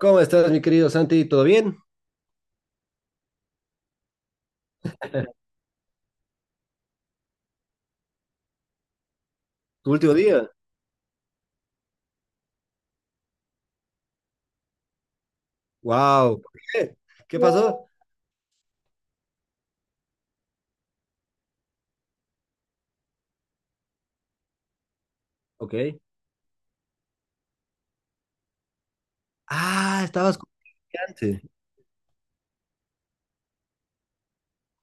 ¿Cómo estás, mi querido Santi? ¿Todo bien? ¿Tu último día? Wow. ¿Por qué? ¿Qué? No, ¿pasó? OK. Ah, estabas con picante.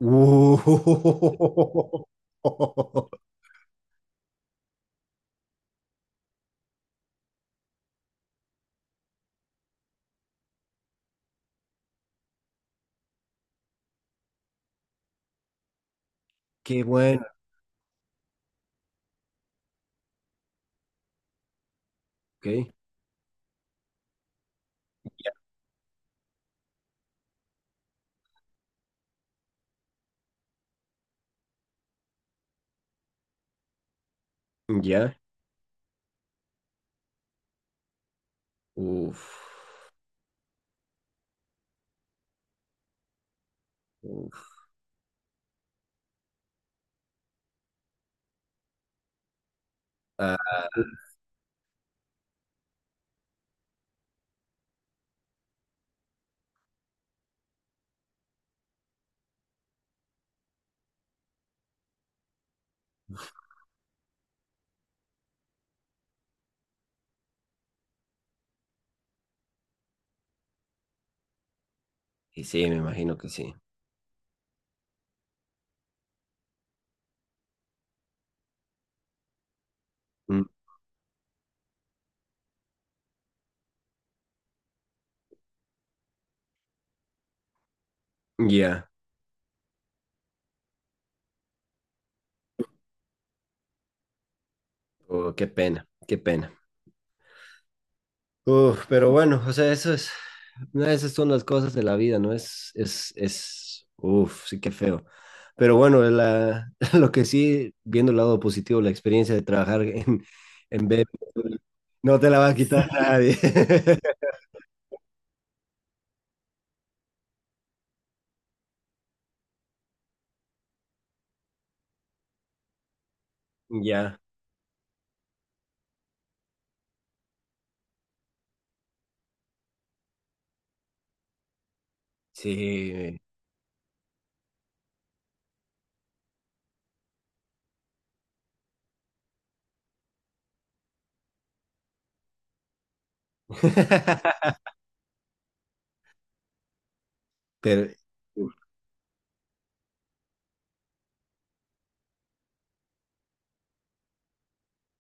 Uh, Qué bueno. OK. Ya. Uf. Uf. Ah, y sí, me imagino que sí. Mm. Ya. Oh, qué pena. Qué pena. Uf, pero bueno, o sea, eso es, no, esas son las cosas de la vida, ¿no? Es, sí que feo. Pero bueno, lo que sí, viendo el lado positivo, la experiencia de trabajar en BMW, no te la va a quitar nadie. Ya, sí. Pero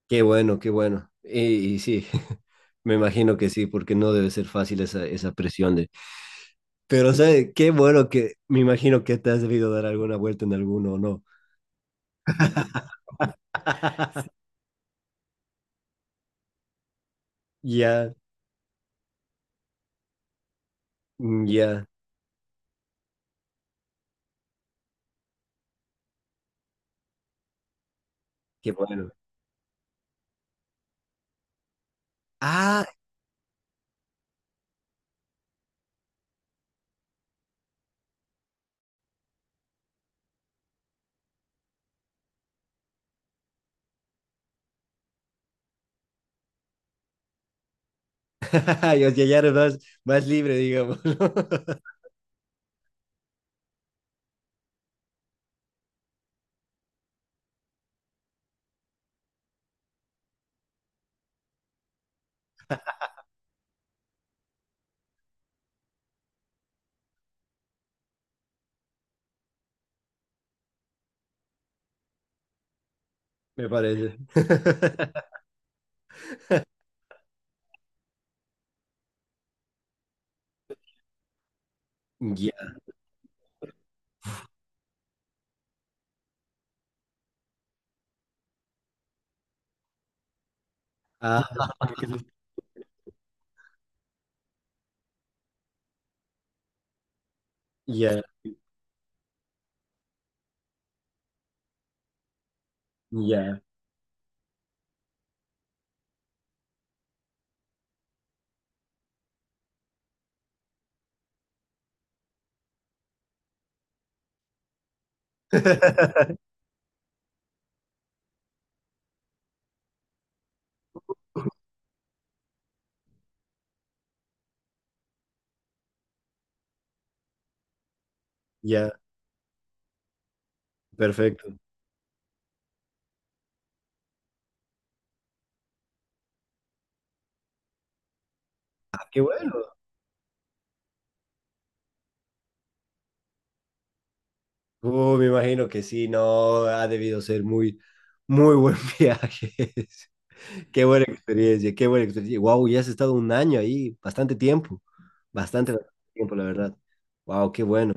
qué bueno, qué bueno. Y sí, me imagino que sí, porque no debe ser fácil esa presión de. Pero, o sea, qué bueno que me imagino que te has debido dar alguna vuelta en alguno o no. Ya, ya, qué bueno. Ah, yo ya eres más, más libre, digamos, me parece. Ya, ah, ya, ya, ya, perfecto. Ah, qué bueno. Me imagino que sí, no, ha debido ser muy, muy buen viaje. Qué buena experiencia, qué buena experiencia. Wow, ya has estado un año ahí, bastante tiempo, bastante, bastante tiempo, la verdad. Wow, qué bueno.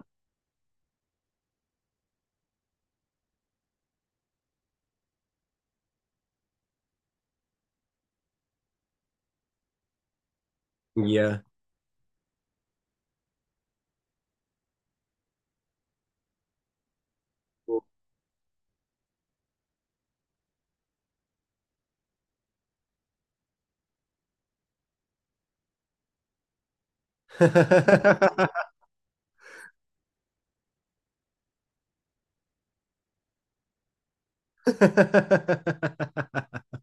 Ya.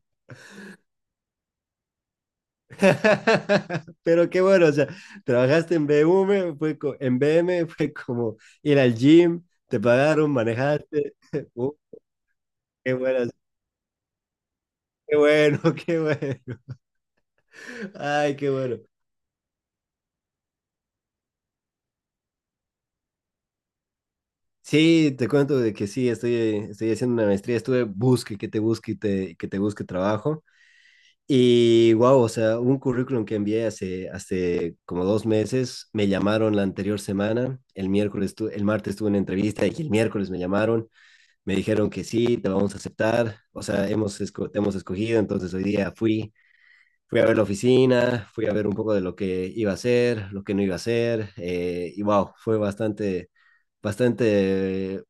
Pero qué bueno, o sea, trabajaste en BM, en BM, fue como ir al gym, te pagaron, manejaste. Uh, qué bueno, qué bueno, qué bueno. Ay, qué bueno. Sí, te cuento de que sí, estoy haciendo una maestría, estuve busque que te busque que te busque trabajo. Y wow, o sea, un currículum que envié hace como 2 meses, me llamaron la anterior semana, el miércoles, el martes tuve una entrevista y el miércoles me llamaron, me dijeron que sí, te vamos a aceptar, o sea, te hemos escogido, entonces hoy día fui, fui a ver la oficina, fui a ver un poco de lo que iba a hacer, lo que no iba a hacer, y wow, fue bastante, bastante,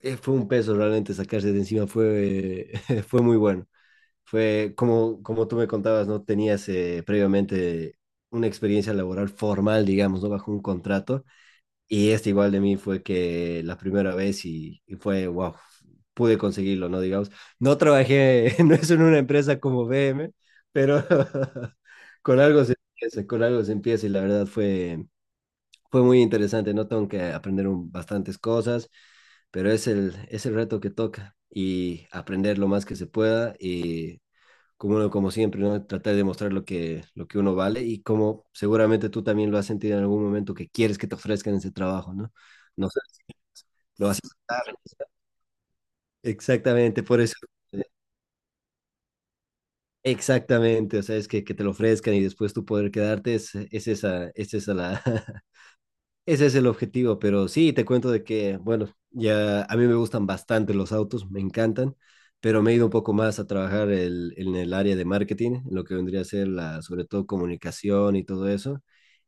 fue un peso realmente sacarse de encima, fue, fue muy bueno. Fue como tú me contabas, ¿no? Tenías previamente una experiencia laboral formal, digamos, ¿no? Bajo un contrato. Y este igual de mí fue que la primera vez y fue, wow, pude conseguirlo, ¿no? Digamos, no trabajé, no es en una empresa como BM, pero con algo se empieza, con algo se empieza y la verdad fue, fue muy interesante, ¿no? Tengo que aprender bastantes cosas, pero es el, reto que toca y aprender lo más que se pueda y como siempre, ¿no? Tratar de demostrar lo que uno vale y como seguramente tú también lo has sentido en algún momento que quieres que te ofrezcan ese trabajo, ¿no? No sé, lo vas a aceptar. Exactamente, por eso. eh, Exactamente, o sea, es que te lo ofrezcan y después tú poder quedarte, es esa. Ese es el objetivo, pero sí, te cuento de que, bueno, ya a mí me gustan bastante los autos, me encantan, pero me he ido un poco más a trabajar en el área de marketing, en lo que vendría a ser sobre todo comunicación y todo eso.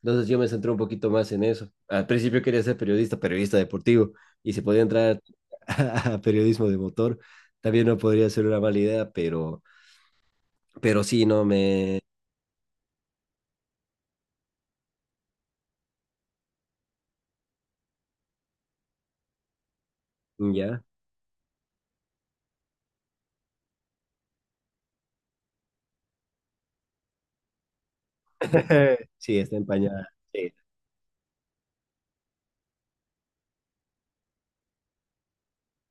Entonces yo me centré un poquito más en eso. Al principio quería ser periodista, periodista deportivo, y si podía entrar a periodismo de motor, también no podría ser una mala idea, pero sí, no me. Ya, sí, está empañada. Sí.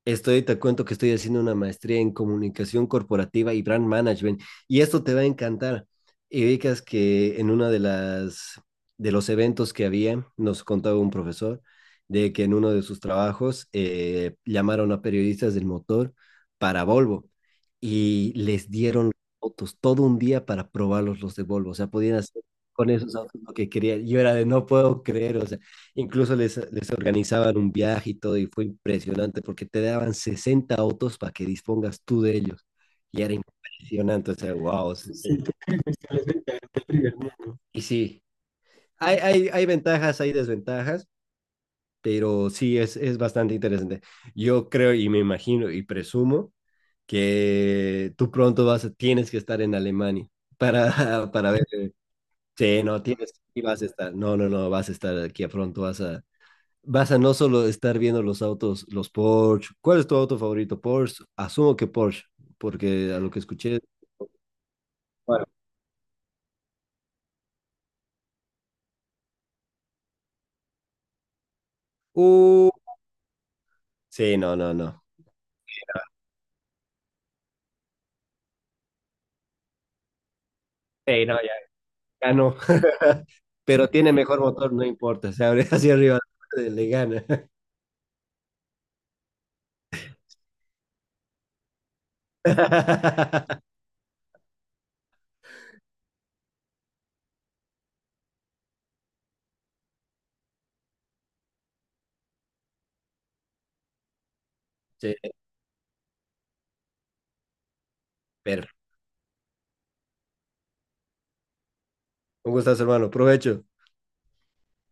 Te cuento que estoy haciendo una maestría en comunicación corporativa y brand management, y esto te va a encantar. Y ubicas que en una de las de los eventos que había, nos contaba un profesor de que en uno de sus trabajos llamaron a periodistas del motor para Volvo y les dieron autos todo un día para probarlos los de Volvo. O sea, podían hacer con esos autos lo que querían. Yo era de no puedo creer, o sea, incluso les organizaban un viaje y todo, y fue impresionante porque te daban 60 autos para que dispongas tú de ellos. Y era impresionante, o sea, wow. Y sí, hay ventajas, hay desventajas, pero sí es bastante interesante. Yo creo y me imagino y presumo que tú pronto tienes que estar en Alemania para, para ver. Sí, no, tienes que vas a estar. No, no, no, vas a estar aquí a pronto, vas a no solo estar viendo los autos, los Porsche. ¿Cuál es tu auto favorito? Porsche. Asumo que Porsche, porque a lo que escuché. Bueno. Uh, sí, no, no, no. Sí, no, ya, ya no. Pero tiene mejor motor, no importa. Se abre hacia arriba, le gana. Sí, pero. Un gustazo, hermano. Provecho.